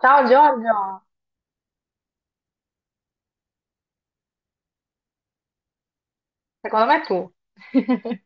Ciao Giorgio, secondo me tu.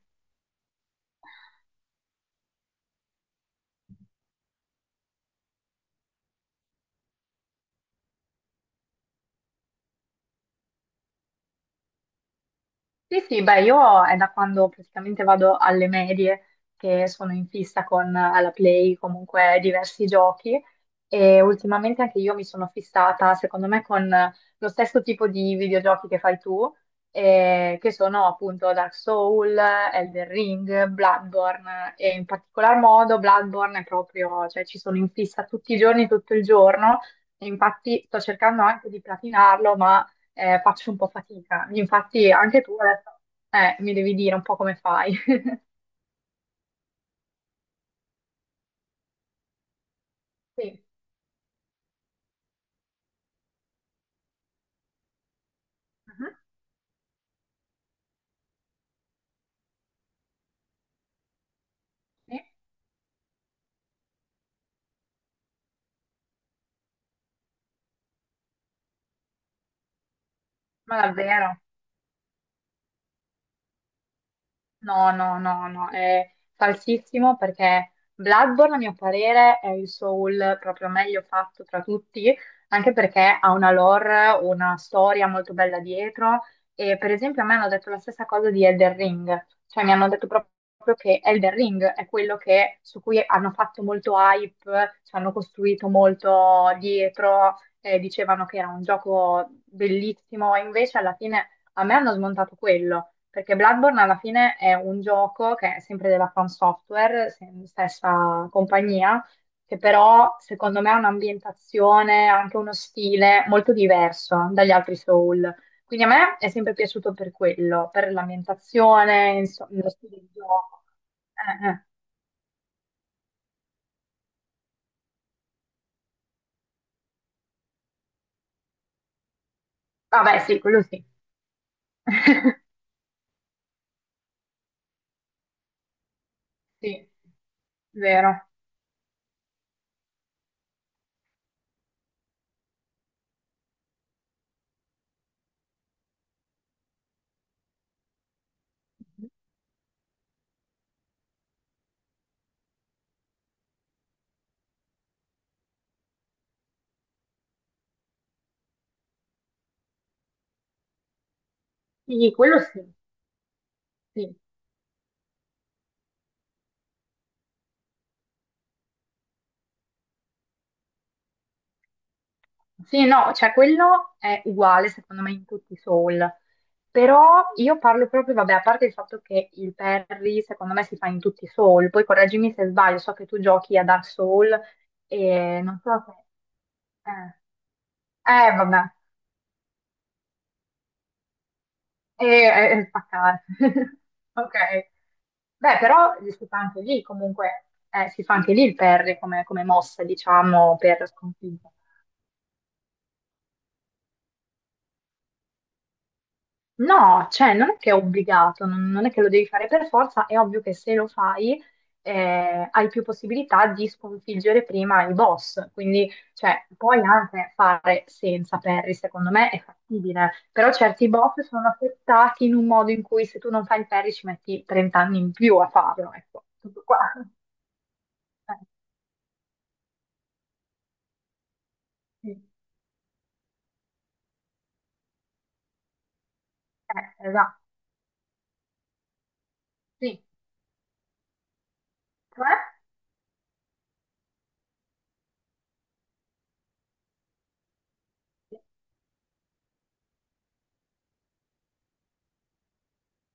Sì, sì, beh, io è da quando praticamente vado alle medie che sono in fissa con la Play, comunque diversi giochi e ultimamente anche io mi sono fissata, secondo me, con lo stesso tipo di videogiochi che fai tu, che sono appunto Dark Soul, Elden Ring, Bloodborne e in particolar modo Bloodborne è proprio, cioè ci sono in fissa tutti i giorni, tutto il giorno. E infatti sto cercando anche di platinarlo, ma faccio un po' fatica. Infatti anche tu adesso mi devi dire un po' come fai. Sì, mhm. Sì, ma davvero. No, no, no, no, è falsissimo perché Bloodborne, a mio parere, è il soul proprio meglio fatto tra tutti, anche perché ha una lore, una storia molto bella dietro e per esempio a me hanno detto la stessa cosa di Elden Ring, cioè mi hanno detto proprio che Elden Ring è quello su cui hanno fatto molto hype, ci hanno costruito molto dietro, dicevano che era un gioco bellissimo, e invece alla fine a me hanno smontato quello. Perché Bloodborne alla fine è un gioco che è sempre della From Software, stessa compagnia, che però secondo me ha un'ambientazione, anche uno stile molto diverso dagli altri Soul. Quindi a me è sempre piaciuto per quello, per l'ambientazione, insomma, lo stile di gioco. Eh. Vabbè, sì, quello sì. Sì, vero. Sì, quello sì. Sì. Sì, no, cioè quello è uguale secondo me in tutti i soul, però io parlo proprio, vabbè, a parte il fatto che il Perry secondo me si fa in tutti i soul, poi correggimi se sbaglio, so che tu giochi a Dark Soul e non so se... Eh, vabbè, e spaccare. Ok. Beh, però si fa anche lì comunque, si fa anche lì il Perry come, come mossa, diciamo, per sconfiggere. No, cioè non è che è obbligato, non, non è che lo devi fare per forza, è ovvio che se lo fai hai più possibilità di sconfiggere prima i boss, quindi cioè, puoi anche fare senza Perry, secondo me è fattibile, però certi boss sono affettati in un modo in cui se tu non fai il Perry ci metti 30 anni in più a farlo, ecco, tutto qua. Eh, sì, esatto, sì, cioè?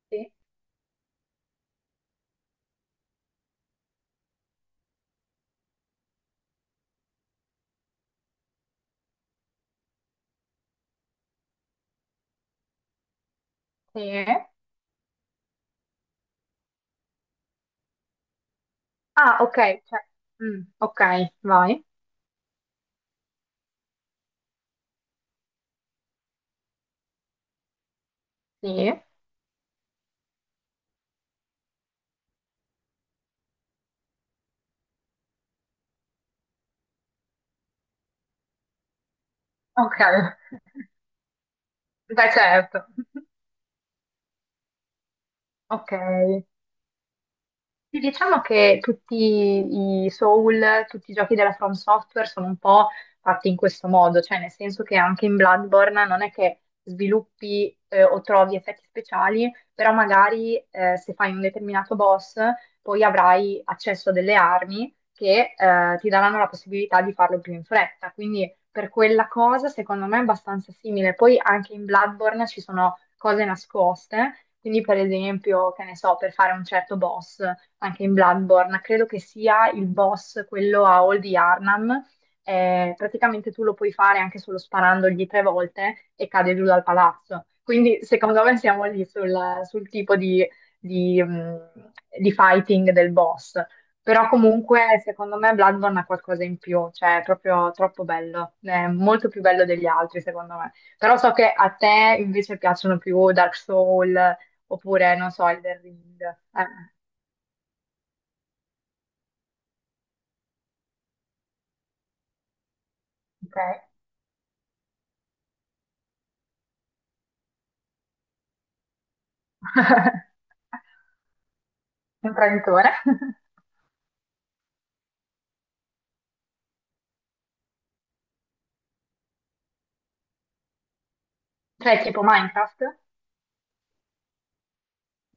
Sì, sì. Sì. Ah, ok, cioè, mm, ok, vai, sì, ok. Beh, certo. Ok. Sì, diciamo che tutti i Soul, tutti i giochi della From Software sono un po' fatti in questo modo, cioè nel senso che anche in Bloodborne non è che sviluppi o trovi effetti speciali, però magari se fai un determinato boss poi avrai accesso a delle armi che ti daranno la possibilità di farlo più in fretta, quindi per quella cosa secondo me è abbastanza simile. Poi anche in Bloodborne ci sono cose nascoste, quindi per esempio, che ne so, per fare un certo boss anche in Bloodborne, credo che sia il boss, quello a Old Yarnam. Praticamente tu lo puoi fare anche solo sparandogli tre volte e cade giù dal palazzo. Quindi secondo me siamo lì sul tipo di, mh, di fighting del boss. Però comunque secondo me Bloodborne ha qualcosa in più, cioè è proprio troppo bello, è molto più bello degli altri secondo me. Però so che a te invece piacciono più Dark Soul oppure non so, Elden Ring. Ok. Imprenditore? Cioè tipo Minecraft?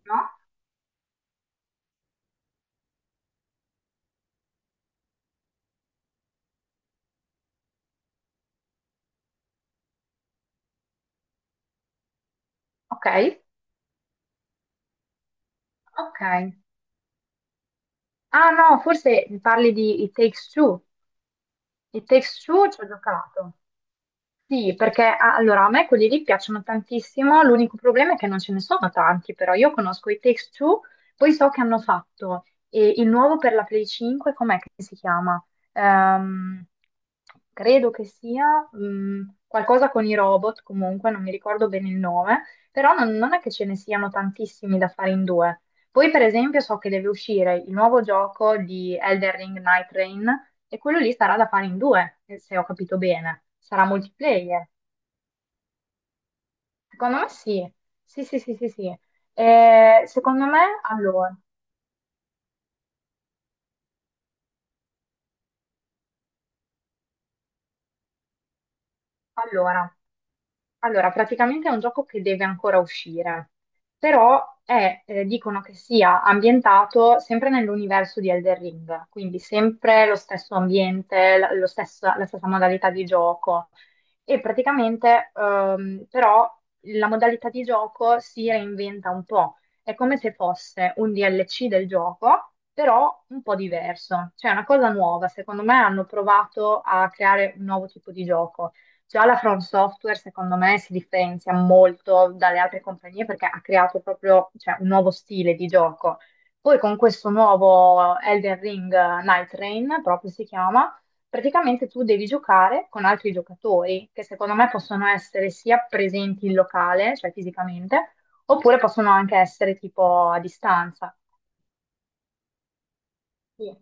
No? Ok, ok. Ah no, forse mi parli di It Takes Two. It Takes Two ci ho giocato. Sì, perché allora a me quelli lì piacciono tantissimo, l'unico problema è che non ce ne sono tanti, però io conosco i Takes-Two, poi so che hanno fatto il nuovo per la Play 5, com'è che si chiama? Ehm, credo che sia qualcosa con i robot, comunque non mi ricordo bene il nome, però non, non è che ce ne siano tantissimi da fare in due. Poi per esempio so che deve uscire il nuovo gioco di Elden Ring Night Rain, e quello lì sarà da fare in due, se ho capito bene. Sarà multiplayer. Secondo me sì. Sì, sì, sì, sì, sì. Secondo me, allora, Allora, praticamente è un gioco che deve ancora uscire, però è, dicono che sia ambientato sempre nell'universo di Elden Ring, quindi sempre lo stesso ambiente, la stessa modalità di gioco. E praticamente, però, la modalità di gioco si reinventa un po'. È come se fosse un DLC del gioco, però un po' diverso. Cioè, è una cosa nuova. Secondo me hanno provato a creare un nuovo tipo di gioco. Già la From Software, secondo me, si differenzia molto dalle altre compagnie perché ha creato proprio, cioè, un nuovo stile di gioco. Poi con questo nuovo Elden Ring Night Rain, proprio si chiama, praticamente tu devi giocare con altri giocatori che secondo me possono essere sia presenti in locale, cioè fisicamente, oppure possono anche essere tipo a distanza. Sì.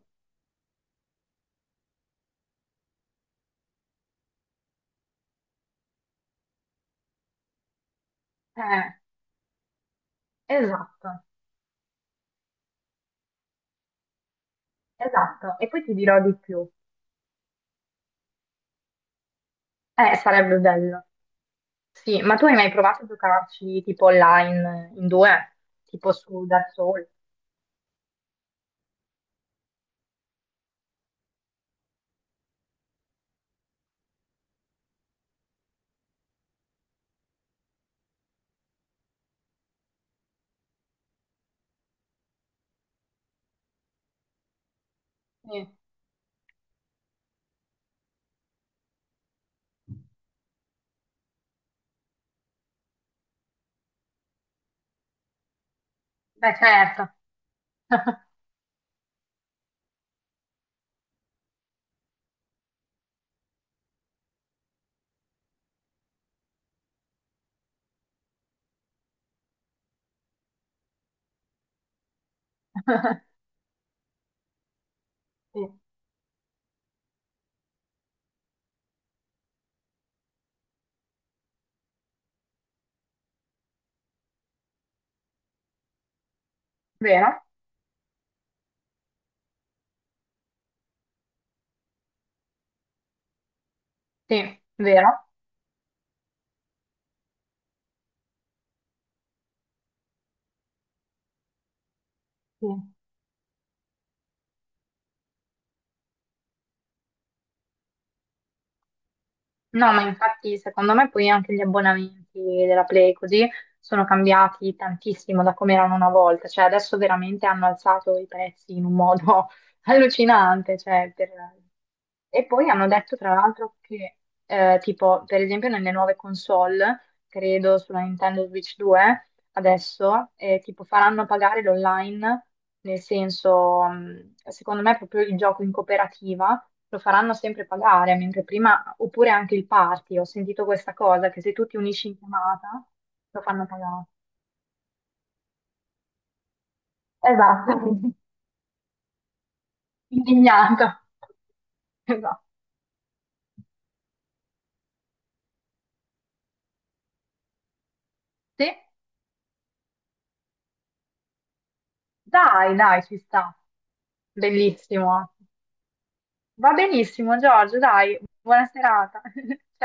Eh, esatto, esatto. E poi ti dirò di più. Sarebbe bello. Sì, ma tu hai mai provato a giocarci tipo online in due? Tipo su Dark Souls? Sì, beh certo. Sì, vero? Sì, vero? Sì. No, ma infatti secondo me poi anche gli abbonamenti della Play così sono cambiati tantissimo da come erano una volta, cioè adesso veramente hanno alzato i prezzi in un modo allucinante, cioè, e poi hanno detto tra l'altro che tipo per esempio nelle nuove console, credo sulla Nintendo Switch 2, adesso, tipo faranno pagare l'online, nel senso, secondo me proprio il gioco in cooperativa lo faranno sempre pagare, mentre prima, oppure anche il party, ho sentito questa cosa, che se tu ti unisci in chiamata lo fanno pagare. Esatto, indignata. Esatto. Sì? Dai, dai, ci sta. Bellissimo. Va benissimo, Giorgio, dai, buona serata. Ciao.